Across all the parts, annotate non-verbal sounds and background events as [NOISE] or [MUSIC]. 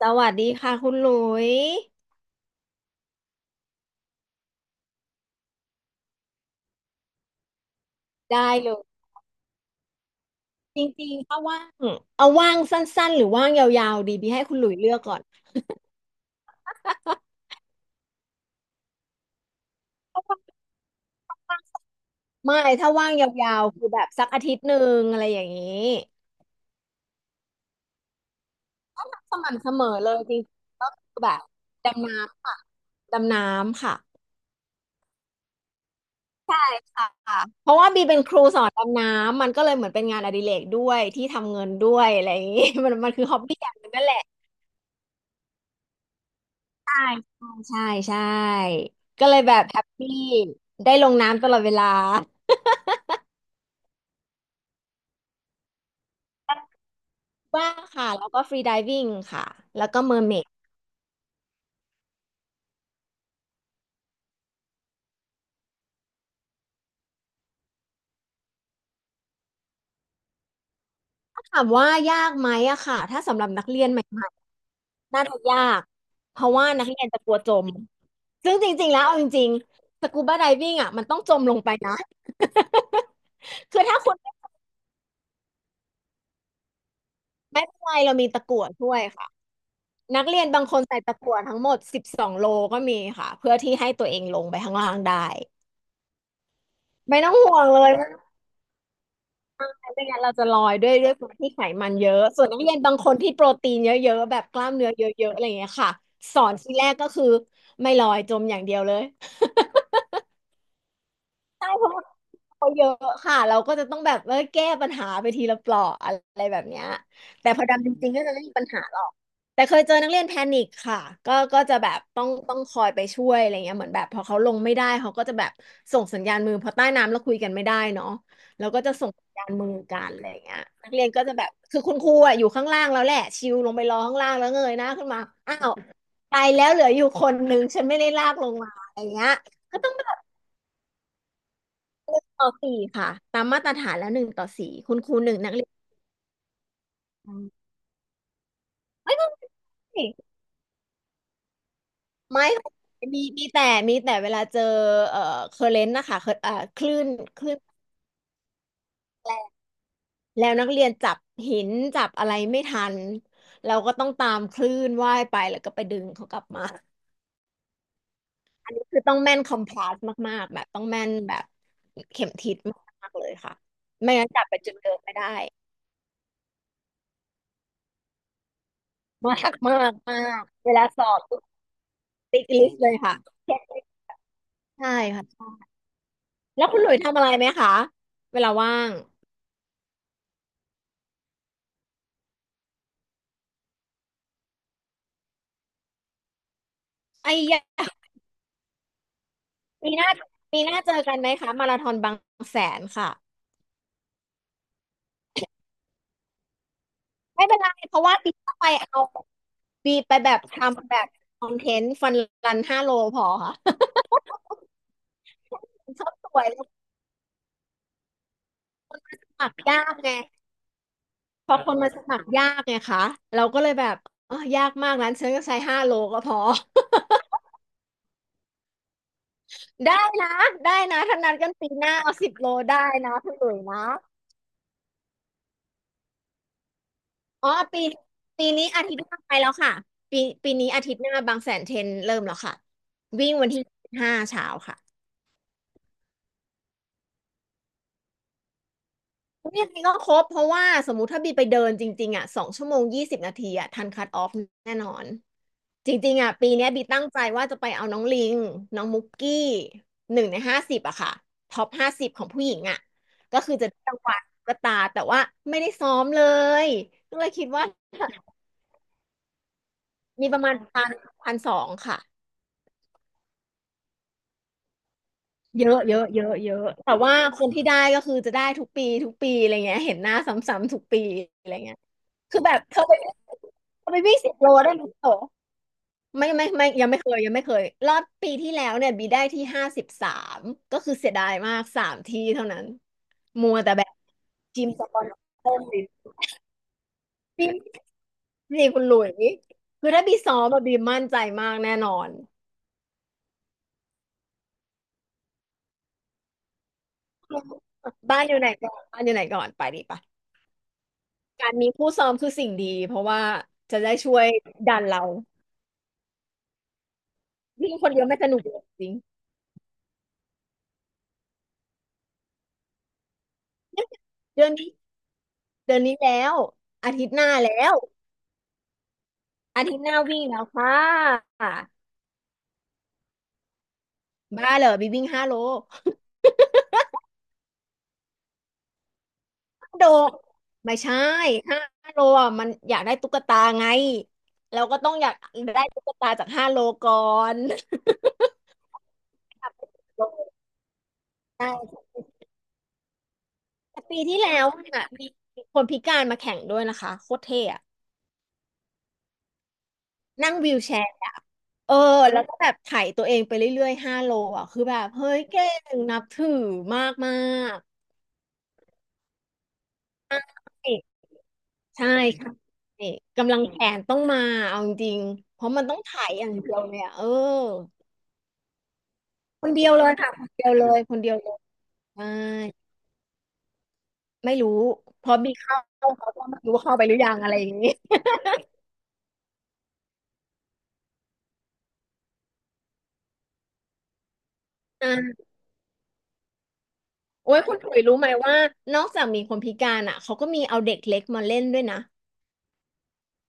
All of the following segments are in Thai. สวัสดีค่ะคุณหลุยได้เลยจริงๆถ้าว่างเอาว่างสั้นๆหรือว่างยาวๆดีบีให้คุณหลุยเลือกก่อนไม่ถ้าว่างยาวๆคือแบบสักอาทิตย์หนึ่งอะไรอย่างนี้สม่ำเสมอเลยจริงๆก็คือแบบดำน้ำค่ะดำน้ำค่ะใช่ค่ะเพราะว่าบีเป็นครูสอนดำน้ำมันก็เลยเหมือนเป็นงานอดิเรกด้วยที่ทำเงินด้วยอะไรอย่างนี้ [LAUGHS] มันคือฮอบบี้อย่างหนึงนั่นแหละ ใช่ใช่ใช่ก็เลยแบบแฮปปี้ได้ลงน้ำตลอดเวลาว่างค่ะแล้วก็ฟรีไดวิ่งค่ะแล้วก็เมอร์เมดถ้าถามว่ายากไหมอะค่ะถ้าสำหรับนักเรียนใหม่ๆน่าจะยากเพราะว่านักเรียนจะกลัวจมซึ่งจริงๆแล้วเอาจริงๆสกูบาไดวิ่งอะมันต้องจมลงไปนะ [LAUGHS] คือถ้าคุณไม่เป็นไรเรามีตะกั่วช่วยค่ะนักเรียนบางคนใส่ตะกั่วทั้งหมด12 โลก็มีค่ะเพื่อที่ให้ตัวเองลงไปข้างล่างได้ ไม่ต้องห่วงเลยไม่ต้องไม่งั้นเราจะลอยด้วยคนที่ไขมันเยอะ ส่วนนักเรียนบางคนที่โปรตีนเยอะๆแบบกล้ามเนื้อเยอะๆอะไรอย่างเงี้ยค่ะสอนทีแรกก็คือไม่ลอยจมอย่างเดียวเลย เขาเยอะค่ะเราก็จะต้องแบบว่าแก้ปัญหาไปทีละเปลาะอะไรแบบเนี้ยแต่พอดำจริงๆก็จะไม่มีปัญหาหรอกแต่เคยเจอนักเรียนแพนิคค่ะก็จะแบบต้องคอยไปช่วยอะไรเงี้ยเหมือนแบบพอเขาลงไม่ได้เขาก็จะแบบส่งสัญญาณมือพอใต้น้ำแล้วคุยกันไม่ได้เนาะแล้วก็จะส่งสัญญาณมือกันอะไรเงี้ยนักเรียนก็จะแบบคือคุณครูอะอยู่ข้างล่างแล้วแหละชิวลงไปรอข้างล่างแล้วเงยหน้าขึ้นมาอ้าวตายแล้วเหลืออยู่คนหนึ่งฉันไม่ได้ลากลงมาอะไรเงี้ยก็ต้อง ต่อสี่ค่ะตามมาตรฐานแล้ว1 ต่อ 4คุณครูหนึ่งนักเรียนไม่ต้องสิไม่มีมีแต่มีแต่เวลาเจอเอ่อเคอร์เรนต์นะคะเคอร์เอ่อคลื่นแรงแล้วนักเรียนจับหินจับอะไรไม่ทันเราก็ต้องตามคลื่นว่ายไปแล้วก็ไปดึงเขากลับมาคือต้องแม่นคอมพลาสมากๆแบบต้องแม่นแบบเข็มทิศมากๆเลยค่ะไม่งั้นจับไปจุดเดิมไม่ได้มากมากมากเวลาสอบติ๊กลิสต์เลยค่ะใช่ค่ะ แล้วคุณหลุยทำอะไรไหมคะเวลาว่างไอ้ยะปีหน้าปีหน้าเจอกันไหมคะมาราธอนบางแสนค่ะไม่เป็นไรเพราะว่าปีหน้าไปเอาปีไปแบบทำแบบคอนเทนต์ฟันรันห้าโลพอค่ะ [LAUGHS] ชอบสวยแล้วสมัครยากไงพอคนมาสมัครยากไงคะเราก็เลยแบบเออยากมากนั้นฉันก็ใช้ห้าโลก็พอ [LAUGHS] ได้นะได้นะถ้านัดกันปีหน้าเอาสิบโลได้นะคุณหลุยนะ อ๋อปีปีนี้อาทิตย์หน้าไปแล้วค่ะปีปีนี้อาทิตย์หน้าบางแสนเทรนเริ่มแล้วค่ะวิ่งวันที่ 5เช้าค่ะยังไงก็ครบเพราะว่าสมมุติถ้าบีไปเดินจริงๆอ่ะ2 ชั่วโมง 20 นาทีอ่ะทันคัทออฟแน่นอนจริงๆอ่ะปีเนี้ยบีตั้งใจว่าจะไปเอาน้องลิงน้องมุกกี้1 ใน 50อะค่ะท็อปห้าสิบของผู้หญิงอ่ะก็คือจะได้รางวัลตุ๊กตาแต่ว่าไม่ได้ซ้อมเลยก็เลยคิดว่ามีประมาณพันสองค่ะ เยอะเยอะเยอะเยอะแต่ว่าคนที่ได้ก็คือจะได้ทุกปีทุกปีอะไรเงี้ยเห็นหน้าซ้ำๆทุกปีอะไรเงี้ยคือแบบเธอไปวิ่งสิบโลได้ไหมโตไม่ไม่ไม่ยังไม่เคยยังไม่เคยรอบปีที่แล้วเนี่ยบีได้ที่53ก็คือเสียดายมากสามที่เท่านั้นมัวแต่แบบจิมสปอนเซอร์บีนี่คุณหลุยคือถ้าบีซ้อมอะบีมั่นใจมากแน่นอนบ้านอยู่ไหนก่อนบ้านอยู่ไหนก่อนไปดีปะ การมีคู่ซ้อมคือสิ่งดีเพราะว่าจะได้ช่วยดันเราวิ่งคนเดียวไม่สนุกเลยจริงเดือนนี้เดือนนี้แล้วอาทิตย์หน้าแล้วอาทิตย์หน้าวิ่งแล้วค่ะบ้าเหรอบีวิ่งห้าโลโดดไม่ใช่ห้าโลอ่ะมันอยากได้ตุ๊กตาไงเราก็ต้องอยากได้ตุ๊กตาจากห้าโลก่อนอยากได้ตุ๊กตาใช่แต่ปีที่แล้วอ่ะมีคนพิการมาแข่งด้วยนะคะโคตรเท่อะ นั่งวีลแชร์อะเออแล้วก็แบบไถ่ตัวเองไปเรื่อยๆ5 โลคือแบบเฮ้ยเก่งนับถือมากมากเอกใช่ค่ะเอกกำลังแขนต้องมาเอาจริงๆเพราะมันต้องไถ่อย่างเดียวเลยอ่ะเออคนเดียวเลยค่ะคนเดียวเลยคนเดียวเลยใช่ไม่รู้พอมีเข้าเขาก็ไม่รู้ว่าเข้าไปหรือยังอะไรอย่างนี้อ่าโอ้ยคุณถุยรู้ไหมว่านอกจากมีคนพิการอ่ะเขาก็มีเอาเด็กเล็กมาเล่นด้วยนะ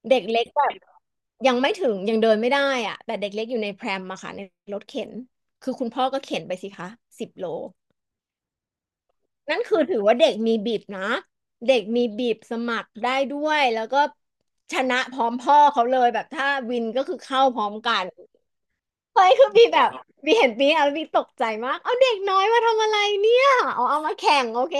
เด็กเล็กแบบยังไม่ถึงยังเดินไม่ได้อ่ะแต่เด็กเล็กอยู่ในแพรมมะค่ะในรถเข็นคือคุณพ่อก็เข็นไปสิคะ10 โลนั่นคือถือว่าเด็กมีบีบนะเด็กมีบีบสมัครได้ด้วยแล้วก็ชนะพร้อมพ่อเขาเลยแบบถ้าวินก็คือเข้าพร้อมกันเฮ้ยคือบีแบบบีเห็นบีบีตกใจมากเอาเด็กน้อยมาทำอะไรเนี่ยเอามาแข่งโอเค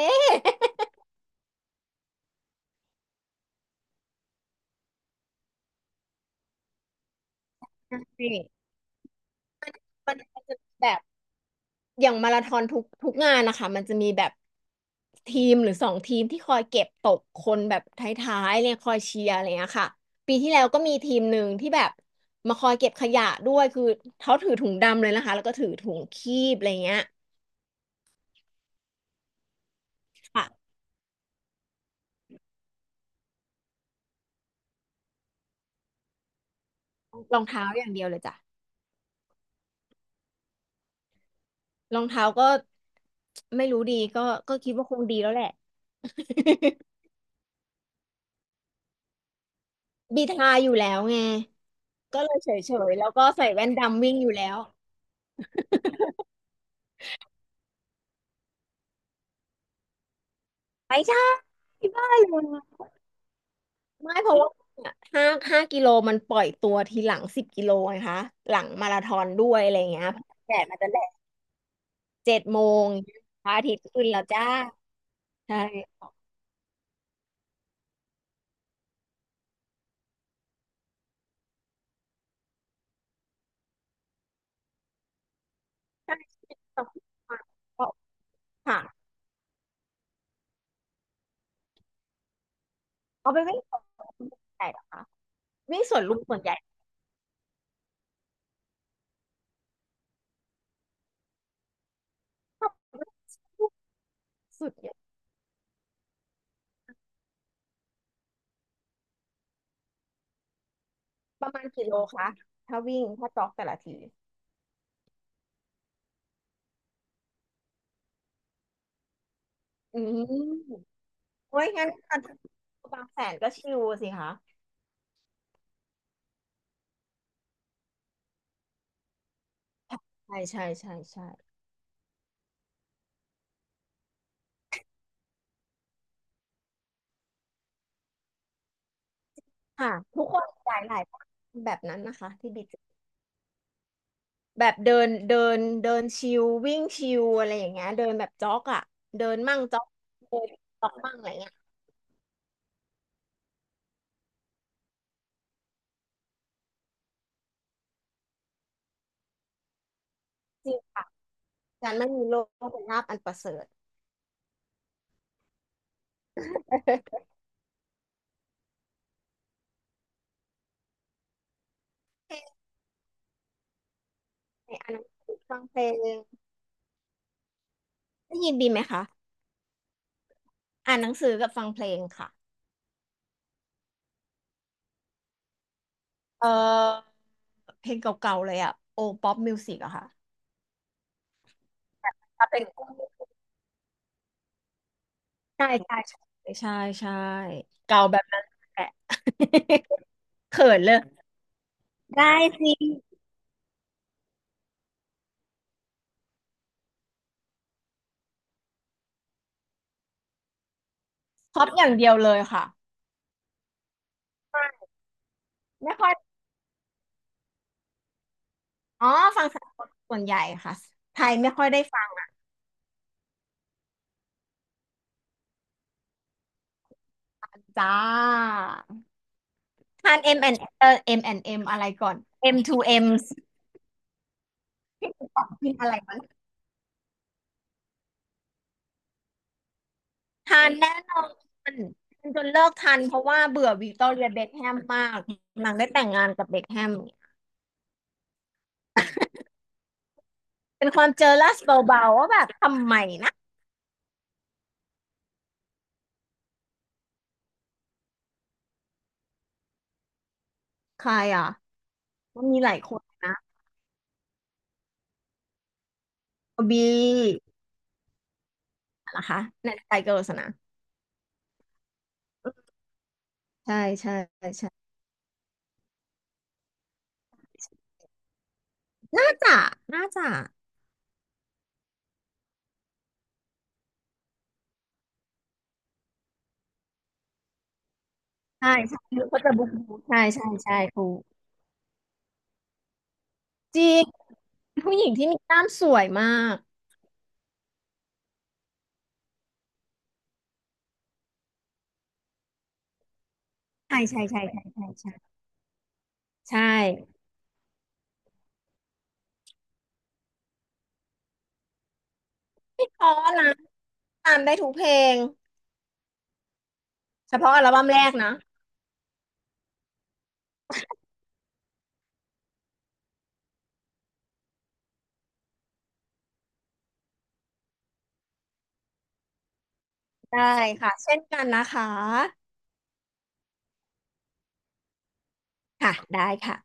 นี่มันจะแบบ อย่างมาราธอนทุกงานนะคะมันจะมีแบบทีมหรือ2 ทีมที่คอยเก็บตกคนแบบท้ายๆเนี่ยคอยเชียร์อะไรเงี้ยค่ะปีที่แล้วก็มีทีมหนึ่งที่แบบมาคอยเก็บขยะด้วยคือเขาถือถุงดำเลยนะคะแล้วก็ถือถุงคีบอะไรเงี้ยค่ะรองเท้าอย่างเดียวเลยจ้ะรองเท้าก็ไม่รู้ดีก็ก็คิดว่าคงดีแล้วแหละ [LAUGHS] บีทาอยู่แล้วไงก็เลยเฉยๆแล้วก็ใส่แว่นดำวิ่งอยู่แล้วไปจ้าที่บ้านเลย ไม่เพราะว่าห้าห้ากิโลมันปล่อยตัวทีหลัง10 กิโลไงคะหลังมาราธอนด้วยอะไรเงี้ยแดดมันจะแดด7 โมงพระอาทิตย์ขึ้นแล้วจ้าใช่ใช่สองค่ะเอาไปวิ่งสวนลุมใหญ่เหรอคะวิ่งสวนลุมส่วนใหญ่ชอบสุดเนี่ยประมาณกี่โลคะถ้าวิ่งถ้าจ็อกแต่ละทีอืมโอ้ยงั้นการบางแสนก็ชิลสิคะใช่ใช่ใช่ใช่ค่ะทุกคนหลายหลายแบบนั้นนะคะที่บิด แบบเดินเดินเดินชิลวิ่งชิลอะไรอย่างเงี้ยเดินแบบจ็อกอ่ะเดินมั่งจ็อกเดินจ็อกมั่งอะไรเงี้ยจริงค่ะการไม่มีโรคเป็นลาภอันประเสริฐเพลงอ่านหนังสือฟังเพลงได้ยินดีไหมคะอ่านหนังสือกับฟังเพลงค่ะเออเพลงเก่าๆเลยอ่ะโอป๊อปมิวสิกอะค่ะถ้าเป็นใช่ใช่ใช่ใช่ใช่เก่าแบบนั้นแหละ [LAUGHS] เขินเลยได้สิครอปอย่างเดียวเลยค่ะไม่ค่อย อ๋อฟังสากลส่วนใหญ่ค่ะไทยไม่ค่อยได้ฟังจ้าทาน M นด์เอเอ M and M อนด์เอ็มอะไรก่อน M to M พี่คุณตอบกินอะไรมันทานแน่นอนทานจนเลิกทันเพราะว่าเบื่อวิกตอเรียเบ็คแฮมมากนางได้แต่งงานกับเบ็คแฮมเป็นความเจอลัสเบาๆว่าแบบทำไมนะใครอ่ะมันมีหลายคนนะบีนะคะในไทเกอร์สนะใช่ใช่ใช่น่าจะน่าจะ ใช่ใช่เขาจะบุ๊กบุ๊กใช่ใช่ใช่ครูจริงผู้หญิงที่มีกล้ามสวยมากใช่ใช่ใช่ใช่ใช่ใช่ใช่เพราะนะตามได้ทุกเพลงเฉพาะอัลบั้มแรกนะได้ค่ะเช่นกันนะคะค่ะได้ค่ะ